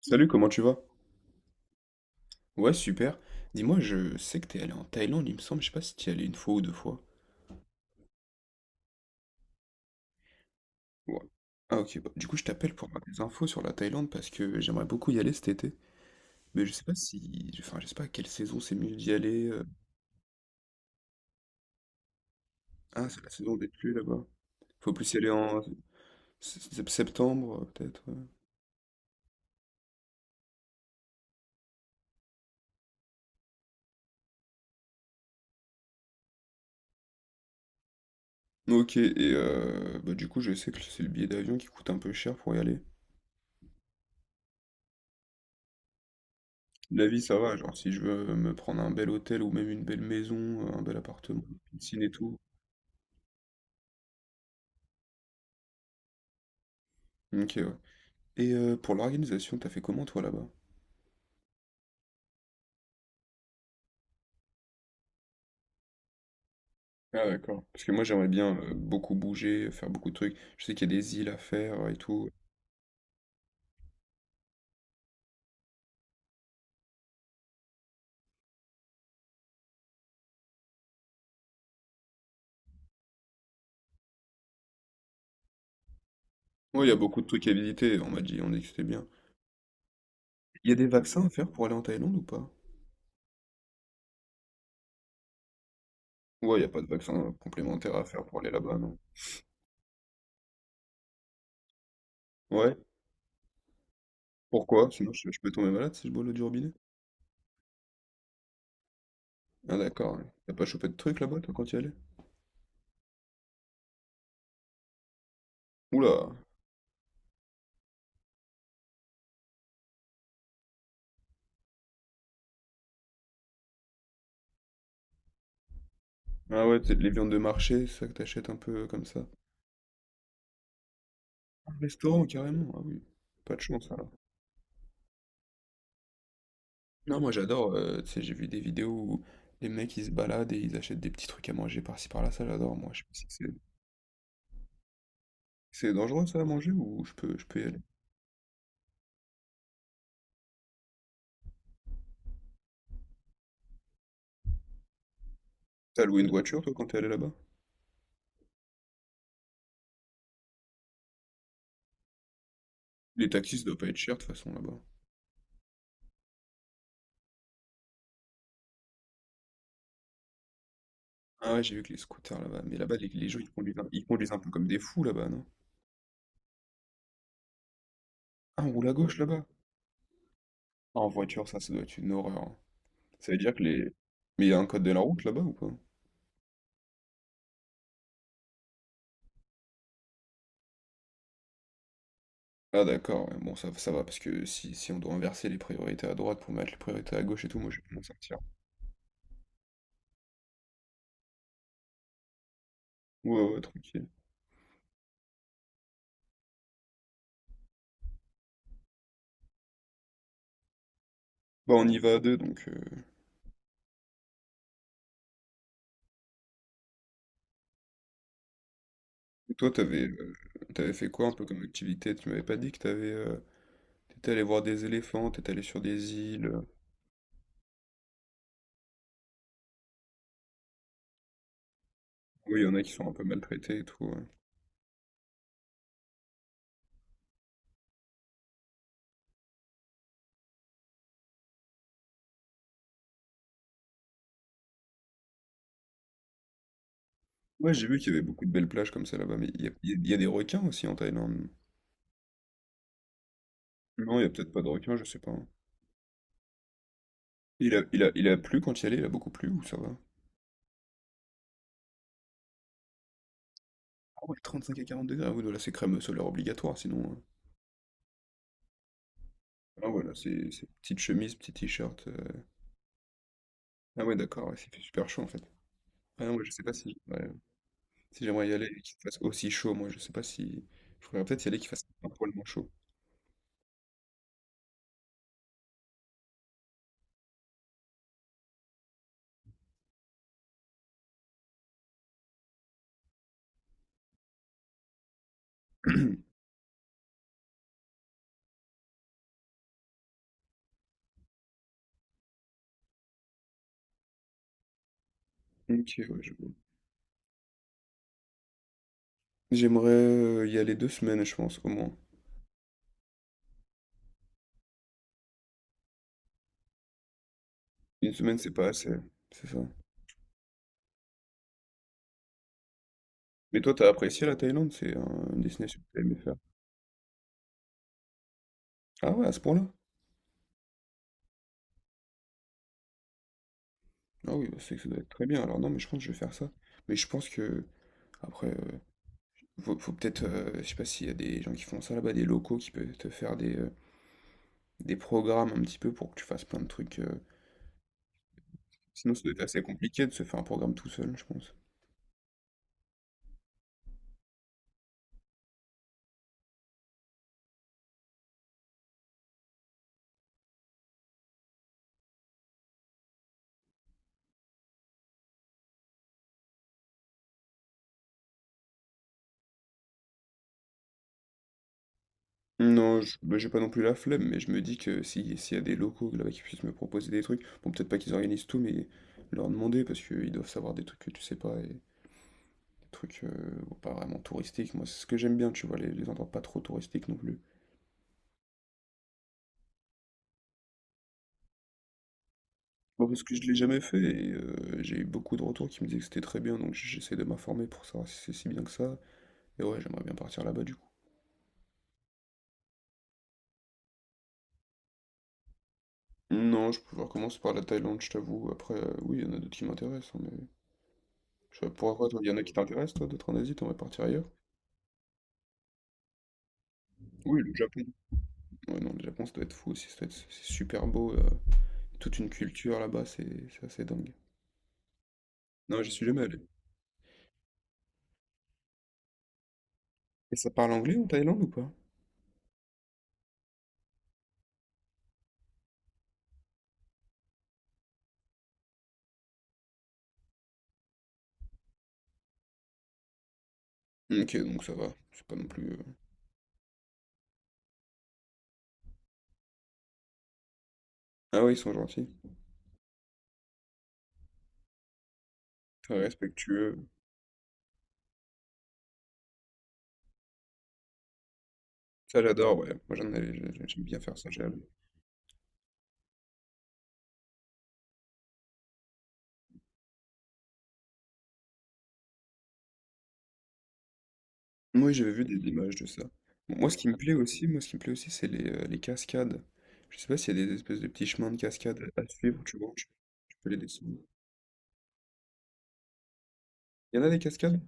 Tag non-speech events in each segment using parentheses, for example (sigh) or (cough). Salut, comment tu vas? Ouais, super. Dis-moi, je sais que t'es allé en Thaïlande, il me semble, je sais pas si t'y es allé une fois ou deux fois. Ouais. Ah ok, bah, du coup je t'appelle pour avoir des infos sur la Thaïlande parce que j'aimerais beaucoup y aller cet été. Mais je sais pas si... Enfin, je sais pas à quelle saison c'est mieux d'y aller. Ah, c'est la saison des pluies là-bas. Faut plus y aller en septembre, peut-être. Ouais. Ok, et bah, du coup je sais que c'est le billet d'avion qui coûte un peu cher pour y aller. La vie, ça va, genre si je veux me prendre un bel hôtel ou même une belle maison, un bel appartement, une piscine et tout. Ok, ouais. Et pour l'organisation, t'as fait comment toi là-bas? Ah d'accord. Parce que moi j'aimerais bien beaucoup bouger, faire beaucoup de trucs. Je sais qu'il y a des îles à faire et tout. Ouais, il y a beaucoup de trucs à visiter, on m'a dit, on a dit que c'était bien. Il y a des vaccins à faire pour aller en Thaïlande ou pas? Ouais, il n'y a pas de vaccin complémentaire à faire pour aller là-bas, non. Ouais, pourquoi? Sinon je peux tomber malade si je bois l'eau du robinet. Ah d'accord, ouais. T'as pas chopé de trucs là-bas toi quand tu y allais? Oula! Ah ouais, c'est les viandes de marché, c'est ça que t'achètes un peu comme ça. Un restaurant carrément, ah oui. Pas de chance alors. Non, moi j'adore, tu sais, j'ai vu des vidéos où les mecs ils se baladent et ils achètent des petits trucs à manger par-ci par-là, ça j'adore, moi. Je sais pas si c'est dangereux ça à manger ou je peux y aller? T'as loué une voiture toi quand t'es allé là-bas? Les taxis ça doit pas être cher de toute façon là-bas. Ah ouais, j'ai vu que les scooters là-bas, mais là-bas les gens ils ils conduisent un peu comme des fous là-bas, non? Ah, on roule à gauche là-bas? Ah, en voiture ça, ça doit être une horreur, hein. Ça veut dire que les. Mais il y a un code de la route là-bas ou pas? Ah d'accord, ouais, bon ça va, parce que si, si on doit inverser les priorités à droite pour mettre les priorités à gauche et tout, moi je vais m'en sortir. Ouais ouais, tranquille. Bon, on y va à deux. Et toi, t'avais fait quoi un peu comme activité? Tu m'avais pas dit que t'étais allé voir des éléphants, t'étais allé sur des îles. Oui, il y en a qui sont un peu maltraités et tout. Ouais, ouais, j'ai vu qu'il y avait beaucoup de belles plages comme ça là-bas, mais il y a, il y a- il y a des requins aussi en Thaïlande. Non, il y a peut-être pas de requins, je sais pas, hein. Il a plu quand il y allait, il a beaucoup plu ou ça va? Ah ouais, 35 à 40 degrés, ah oui, voilà, c'est crème solaire obligatoire, sinon. Ah voilà, c'est petite chemise, petit t-shirt. Ah ouais, d'accord, ouais, il super chaud en fait. Ah non, ouais, je sais pas si. Ouais, si j'aimerais y aller et qu'il fasse aussi chaud, moi, je sais pas si. Je pourrais peut-être y aller qu'il fasse un poil moins chaud. (clears throat) Ok, ouais, je vois. J'aimerais y aller deux semaines, je pense, au moins. Une semaine, c'est pas assez, c'est ça. Mais toi, t'as apprécié la Thaïlande? Une destination que t'as aimé faire. Ah ouais, à ce point-là? Ah oui, bah, c'est que ça doit être très bien. Alors non, mais je pense que je vais faire ça. Mais je pense que, après, faut peut-être, je sais pas s'il y a des gens qui font ça là-bas, des locaux qui peuvent te faire des programmes un petit peu pour que tu fasses plein de trucs. Sinon, ça doit être assez compliqué de se faire un programme tout seul, je pense. Non, bah, j'ai pas non plus la flemme, mais je me dis que si, s'il y a des locaux là-bas qui puissent me proposer des trucs, bon, peut-être pas qu'ils organisent tout, mais leur demander, parce qu'ils doivent savoir des trucs que tu sais pas, et des trucs bon, pas vraiment touristiques. Moi, c'est ce que j'aime bien, tu vois, les endroits pas trop touristiques non plus. Bon, parce que je l'ai jamais fait, et j'ai eu beaucoup de retours qui me disaient que c'était très bien, donc j'essaie de m'informer pour savoir si c'est si bien que ça. Et ouais, j'aimerais bien partir là-bas du coup. Non, je pourrais commencer par la Thaïlande, je t'avoue. Après, oui, il y en a d'autres qui m'intéressent, hein, mais je sais pas pourquoi toi, il y en a qui t'intéressent, toi, d'autres en Asie, t'aimerais partir ailleurs? Oui, le Japon. Ouais, non, le Japon, ça doit être fou aussi, c'est super beau. Euh, toute une culture là-bas, c'est assez dingue. Non, j'y suis jamais allé. Et ça parle anglais en Thaïlande ou pas? Ok, donc ça va. C'est pas non plus. Euh, ah oui, ils sont gentils. Très respectueux. Ça, j'adore, ouais. Moi, j'aime bien faire ça, j'aime. Moi, j'avais vu des images de ça. Bon, moi, ce qui me plaît aussi, c'est les cascades. Je sais pas s'il y a des espèces de petits chemins de cascades à suivre, tu vois. Tu peux les dessiner. Il y en a des cascades?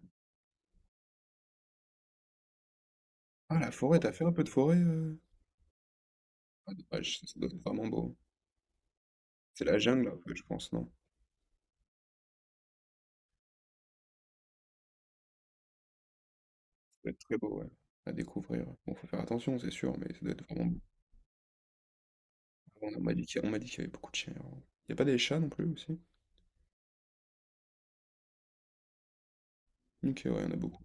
Ah, la forêt, t'as fait un peu de forêt ah dommage, ça ça doit être vraiment beau. C'est la jungle un peu, je pense, non? Ça doit être très beau, ouais, à découvrir. Bon, faut faire attention, c'est sûr, mais ça doit être vraiment beau. Avant, on m'a dit on m'a dit qu'il y avait beaucoup de chiens. Il n'y a pas des chats non plus aussi? Ok, ouais, il y en a beaucoup.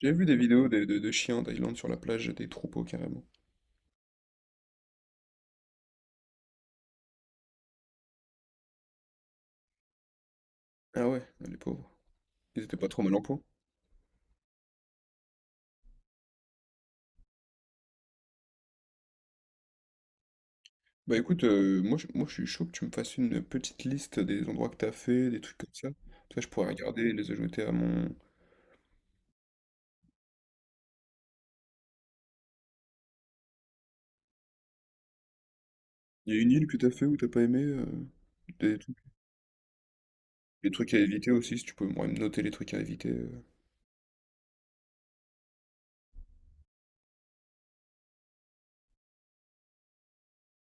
J'ai vu des vidéos de, de chiens en Thaïlande sur la plage, des troupeaux carrément. Ah ouais, ah, les pauvres. Ils étaient pas trop mal en point. Bah écoute, moi, moi je suis chaud que tu me fasses une petite liste des endroits que t'as fait, des trucs comme ça. Ça, je pourrais regarder et les ajouter à mon. Il y a une île que t'as fait ou t'as pas aimé, des trucs. Les trucs à éviter aussi, si tu peux ouais, noter les trucs à éviter.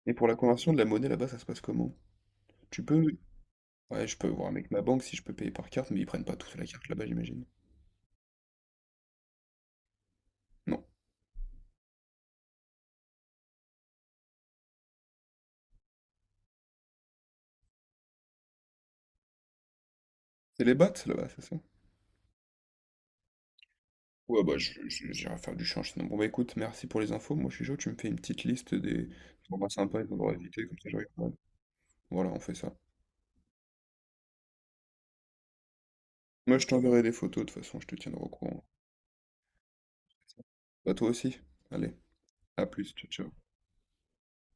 Et pour la conversion de la monnaie là-bas, ça se passe comment? Tu peux. Ouais, je peux voir avec ma banque si je peux payer par carte, mais ils prennent pas tous la carte là-bas, j'imagine. Non. C'est les bahts là-bas, c'est ça? Ouais, bah, j'irai faire du change sinon. Bon, bah, écoute, merci pour les infos. Moi, je suis chaud, tu me fais une petite liste des endroits sympas et des endroits à éviter, comme ça, je regarde. Ouais. Voilà, on fait ça. Moi, je t'enverrai des photos, de toute façon, je te tiendrai au courant. Bah, toi aussi. Allez, à plus, ciao, ciao.